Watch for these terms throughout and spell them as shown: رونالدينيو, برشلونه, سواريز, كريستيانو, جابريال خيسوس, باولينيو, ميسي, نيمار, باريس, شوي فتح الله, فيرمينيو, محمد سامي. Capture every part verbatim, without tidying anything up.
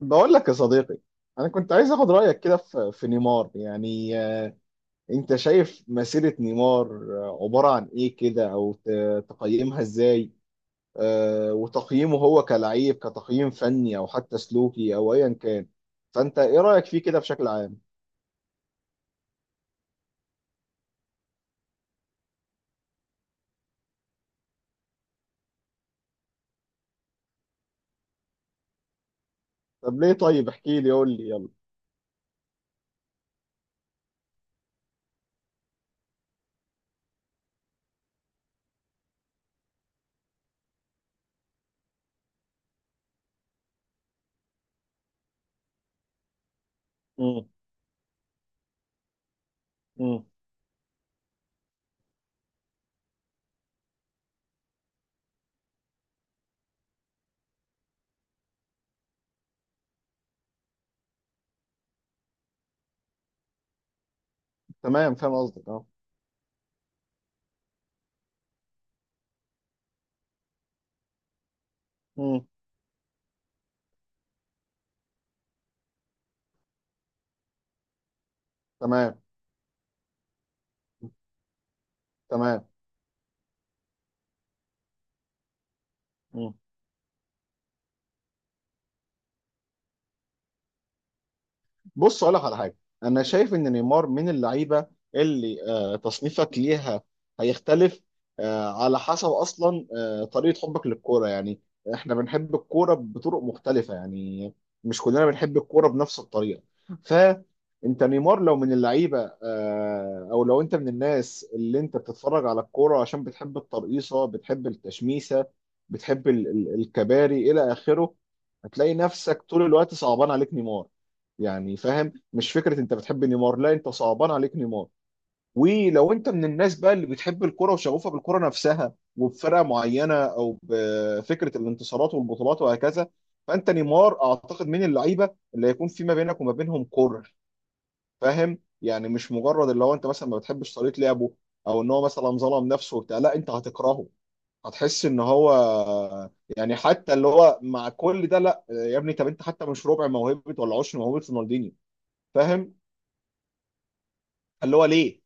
بقول لك يا صديقي، انا كنت عايز اخد رايك كده في في نيمار يعني، آه، انت شايف مسيره نيمار آه، عباره عن ايه كده، او ت- تقيمها ازاي؟ آه، وتقييمه هو كلعيب، كتقييم فني او حتى سلوكي او ايا كان. فانت ايه رايك فيه كده بشكل عام؟ طب ليه؟ طيب احكي لي، قول لي، يلا. امم. امم. تمام، فاهم قصدك، اه. امم. تمام. تمام. مم. بص، اقول لك على حاجه. انا شايف ان نيمار من اللعيبه اللي آه، تصنيفك ليها هيختلف آه، على حسب اصلا آه، طريقه حبك للكوره. يعني احنا بنحب الكوره بطرق مختلفه، يعني مش كلنا بنحب الكوره بنفس الطريقه. فانت نيمار لو من اللعيبه، آه، او لو انت من الناس اللي انت بتتفرج على الكوره عشان بتحب الترقيصه، بتحب التشميسه، بتحب ال- ال- الكباري الى اخره، هتلاقي نفسك طول الوقت صعبان عليك نيمار. يعني فاهم، مش فكره انت بتحب نيمار، لا، انت صعبان عليك نيمار. ولو انت من الناس بقى اللي بتحب الكرة وشغوفة بالكرة نفسها، وبفرقة معينة، او بفكرة الانتصارات والبطولات وهكذا، فانت نيمار اعتقد من اللعيبة اللي هيكون في ما بينك وما بينهم كره. فاهم؟ يعني مش مجرد اللي هو انت مثلا ما بتحبش طريقة لعبه، او ان هو مثلا ظلم نفسه وبتاع، لا، انت هتكرهه، هتحس ان هو يعني، حتى اللي هو، مع كل ده، لا يا ابني، طب انت حتى مش ربع موهبة ولا عشر موهبة رونالدينيو، فاهم؟ اللي هو ليه؟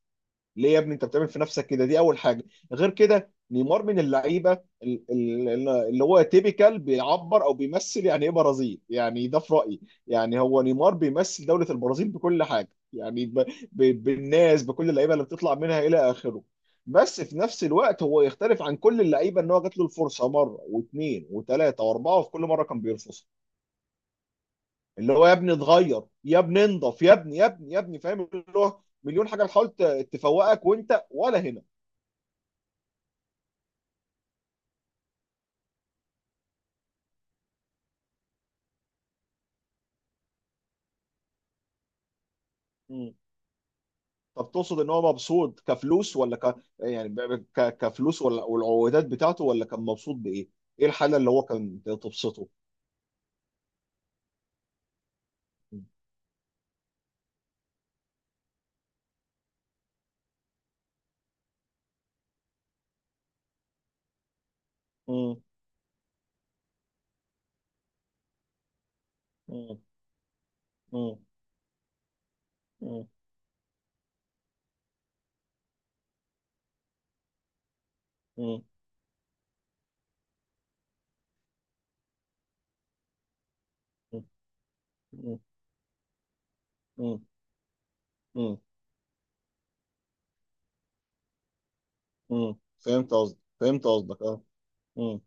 ليه يا ابني انت بتعمل في نفسك كده؟ دي اول حاجه. غير كده، نيمار من اللعيبه ال- ال- اللي هو تيبيكال بيعبر او بيمثل يعني ايه برازيل. يعني ده في رايي. يعني هو نيمار بيمثل دوله البرازيل بكل حاجه، يعني ب... ب... بالناس، بكل اللعيبه اللي بتطلع منها الى اخره. بس في نفس الوقت هو يختلف عن كل اللعيبه، ان هو جات له الفرصه مره واثنين وثلاثه واربعه، وفي كل مره كان بيرفضها. اللي هو يا ابني اتغير، يا ابني انضف، يا ابني، يا ابني، يا ابني، فاهم؟ اللي هو مليون حاجه بتحاول ت- تفوقك وانت ولا هنا. مم. طب تقصد ان هو مبسوط كفلوس، ولا ك... يعني ب- ب- ك... كفلوس، ولا والعقودات بتاعته، ولا كان مبسوط بايه؟ ايه الحاله اللي هو كان تبسطه؟ مم. مم. مم. مم. مم. مم. مم. مم. مم. فهمت قصدك، فهمت قصدك، اه. مم.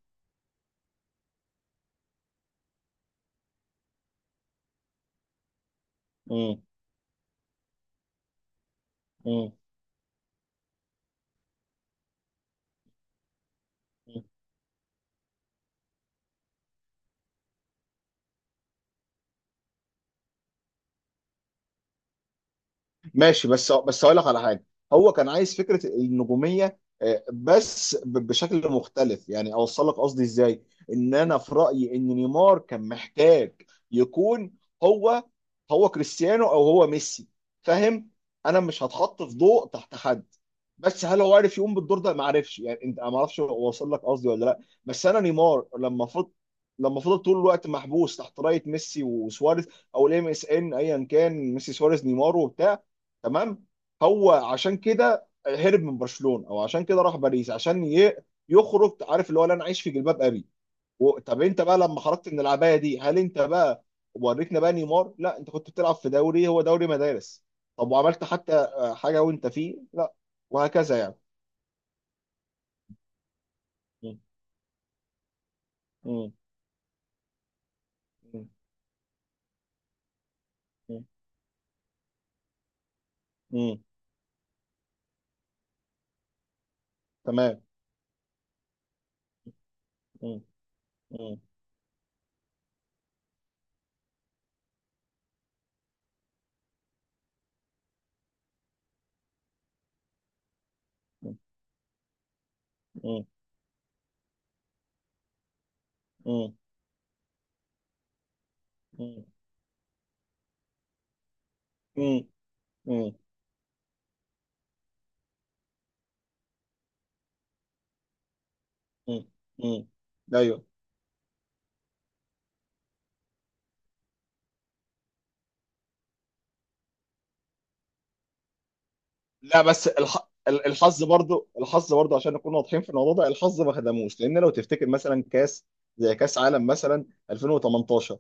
مم. مم. ماشي، بس بس هقول لك على حاجه. هو كان عايز فكره النجوميه، آه، بس ب- بشكل مختلف. يعني اوصل لك قصدي ازاي؟ ان انا في رايي ان نيمار كان محتاج يكون هو هو كريستيانو او هو ميسي، فاهم؟ انا مش هتحط في ضوء تحت حد، بس هل هو عارف يقوم بالدور ده؟ ما عارفش يعني، انت، ما اعرفش اوصل لك قصدي ولا لا. بس انا نيمار لما فض لما فضل طول الوقت محبوس تحت رايه ميسي وسواريز، او الام اس ان، ايا كان، ميسي سواريز نيمار وبتاع، تمام؟ هو عشان كده هرب من برشلونه، او عشان كده راح باريس عشان ي- يخرج. عارف، اللي هو لا انا عايش في جلباب ابي. و- طب انت بقى لما خرجت من العبايه دي، هل انت بقى وريتنا بقى نيمار؟ لا، انت كنت بتلعب في دوري، هو دوري مدارس. طب وعملت حتى آه، حاجه وانت فيه؟ لا. وهكذا يعني. م- م- م- م- م- تمام. م- م- م- م- م- م- م- م- م- م- ايوه. لا، بس الح... ال- الحظ برضو، الحظ برضو، عشان نكون واضحين في الموضوع ده، الحظ ما خدموش. لان لو تفتكر مثلا كاس، زي كاس عالم مثلا الفين وتمنتاشر،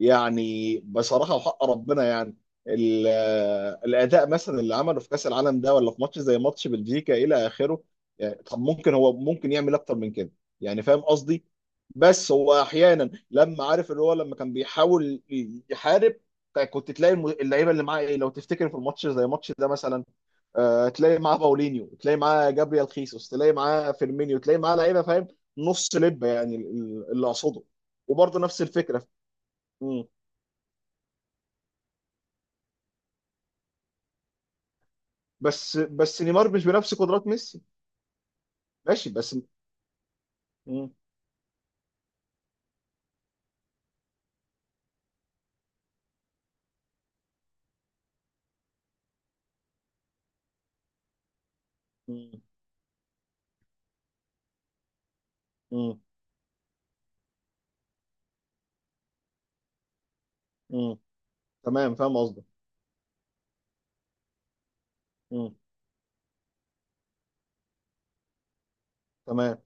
يعني بصراحه وحق ربنا، يعني ال... الاداء مثلا اللي عمله في كاس العالم ده، ولا في ماتش زي ماتش بلجيكا الى اخره، يعني طب ممكن هو ممكن يعمل اكتر من كده. يعني فاهم قصدي. بس هو احيانا لما عارف، اللي هو لما كان بيحاول يحارب، كنت تلاقي الم- اللعيبه اللي معاه ايه لو تفتكر في الماتش زي ماتش ده مثلا. آه، تلاقي معاه باولينيو، تلاقي معاه جابريال خيسوس، تلاقي معاه فيرمينيو، تلاقي معاه لعيبه، فاهم، نص لب يعني، ال- ال- اللي اقصده. وبرضه نفس الفكره. مم. بس بس نيمار مش بنفس قدرات ميسي. ماشي بس. مم. مم. مم. مم. تمام، فاهم قصدك. مم. تمام.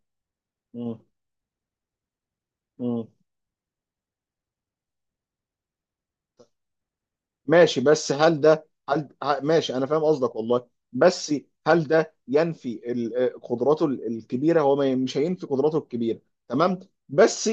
مم. مم. ماشي، بس هل ده، هل ه- ماشي، انا فاهم قصدك والله. بس هل ده ينفي ال- آه، قدراته ال- الكبيره؟ هو ما- مش هينفي قدراته الكبيره، تمام. بس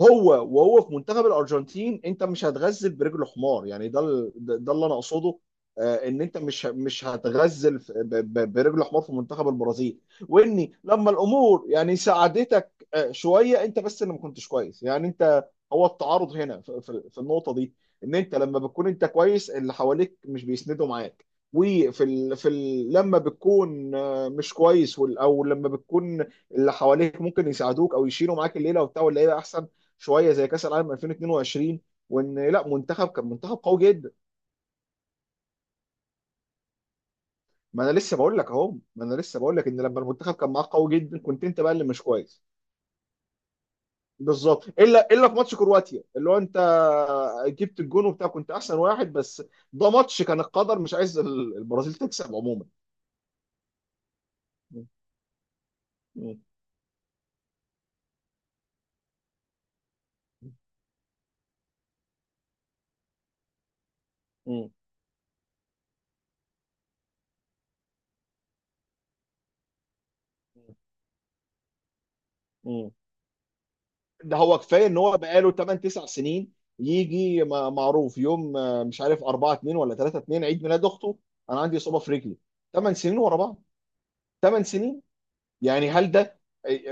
هو، وهو في منتخب الارجنتين، انت مش هتغزل برجل حمار يعني، ده ال- ده ده اللي انا اقصده. آه، ان انت مش ه- مش هتغزل في- ب- ب- برجل حمار في منتخب البرازيل. واني لما الامور يعني ساعدتك آه، شويه، انت بس اللي ما كنتش كويس. يعني انت، هو التعارض هنا في في- في النقطه دي: ان انت لما بتكون انت كويس، اللي حواليك مش بيسندوا معاك. وفي ال... في ال... لما بتكون آه، مش كويس، وال... او لما بتكون اللي حواليك ممكن يساعدوك او يشيلوا معاك الليله وبتاع، واللعيبه احسن شويه، زي كاس العالم الفين واتنين وعشرين، وان لا، منتخب كان منتخب قوي جدا. ما انا لسه بقول لك اهو، ما انا لسه بقول لك ان لما المنتخب كان معاك قوي جدا، كنت انت بقى اللي مش كويس. بالظبط، الا الا في ماتش كرواتيا اللي هو انت جبت الجون وبتاع كنت احسن واحد، بس ده ماتش كان القدر مش عايز البرازيل تكسب عموما. مم. مم. مم. مم. ده هو كفايه ان هو بقاله تمنيه تسع سنين يجي م- معروف يوم، آه، مش عارف اربعه اتنين ولا تلاته اتنين، عيد ميلاد اخته، انا عندي اصابه في رجلي. تمن سنين ورا بعض، تمنيه سنين، يعني هل ده؟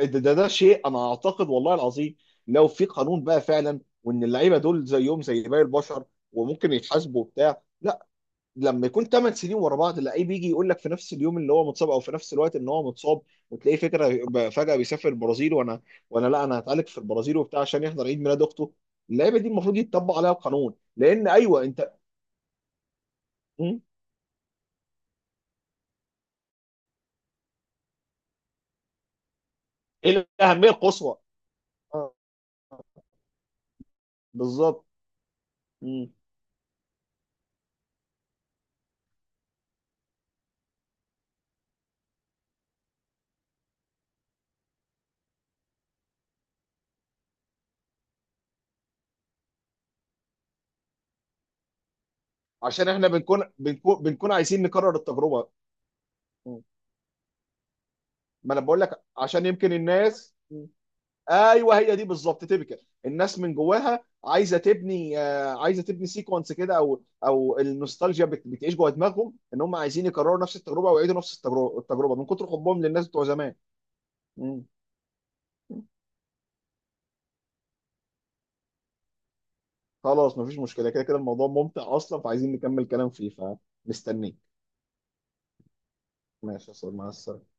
ده ده, ده شيء انا اعتقد والله العظيم، لو في قانون بقى فعلا، وان اللعيبه دول زيهم زي باقي البشر وممكن يتحاسبوا وبتاع، لما يكون تمن سنين ورا بعض اللعيب يجي يقول لك في نفس اليوم اللي هو متصاب، او في نفس الوقت ان هو متصاب، وتلاقيه فكره ب- فجاه بيسافر البرازيل، وانا وانا لا انا هتعالج في البرازيل وبتاع عشان يحضر عيد ميلاد اخته، اللعيبه دي المفروض يتطبق عليها قانون، لان ايوه انت. مم. ايه الاهميه القصوى؟ آه، بالظبط. مم. عشان احنا بنكون بنكون بنكون عايزين نكرر التجربه. مم. ما انا بقول لك عشان يمكن الناس، ايوه هي دي بالظبط تيبيكال. الناس من جواها عايزه تبني، آه، عايزه تبني سيكونس كده، او او النوستالجيا بت- بتعيش جوه دماغهم ان هم عايزين يكرروا نفس التجربه ويعيدوا نفس التجربه التجربه من كتر حبهم للناس بتوع زمان. مم. خلاص، مفيش مشكله، كده كده الموضوع ممتع اصلا، فعايزين نكمل كلام فيه، فمستنيك. ماشي يا استاذ، مع السلامه.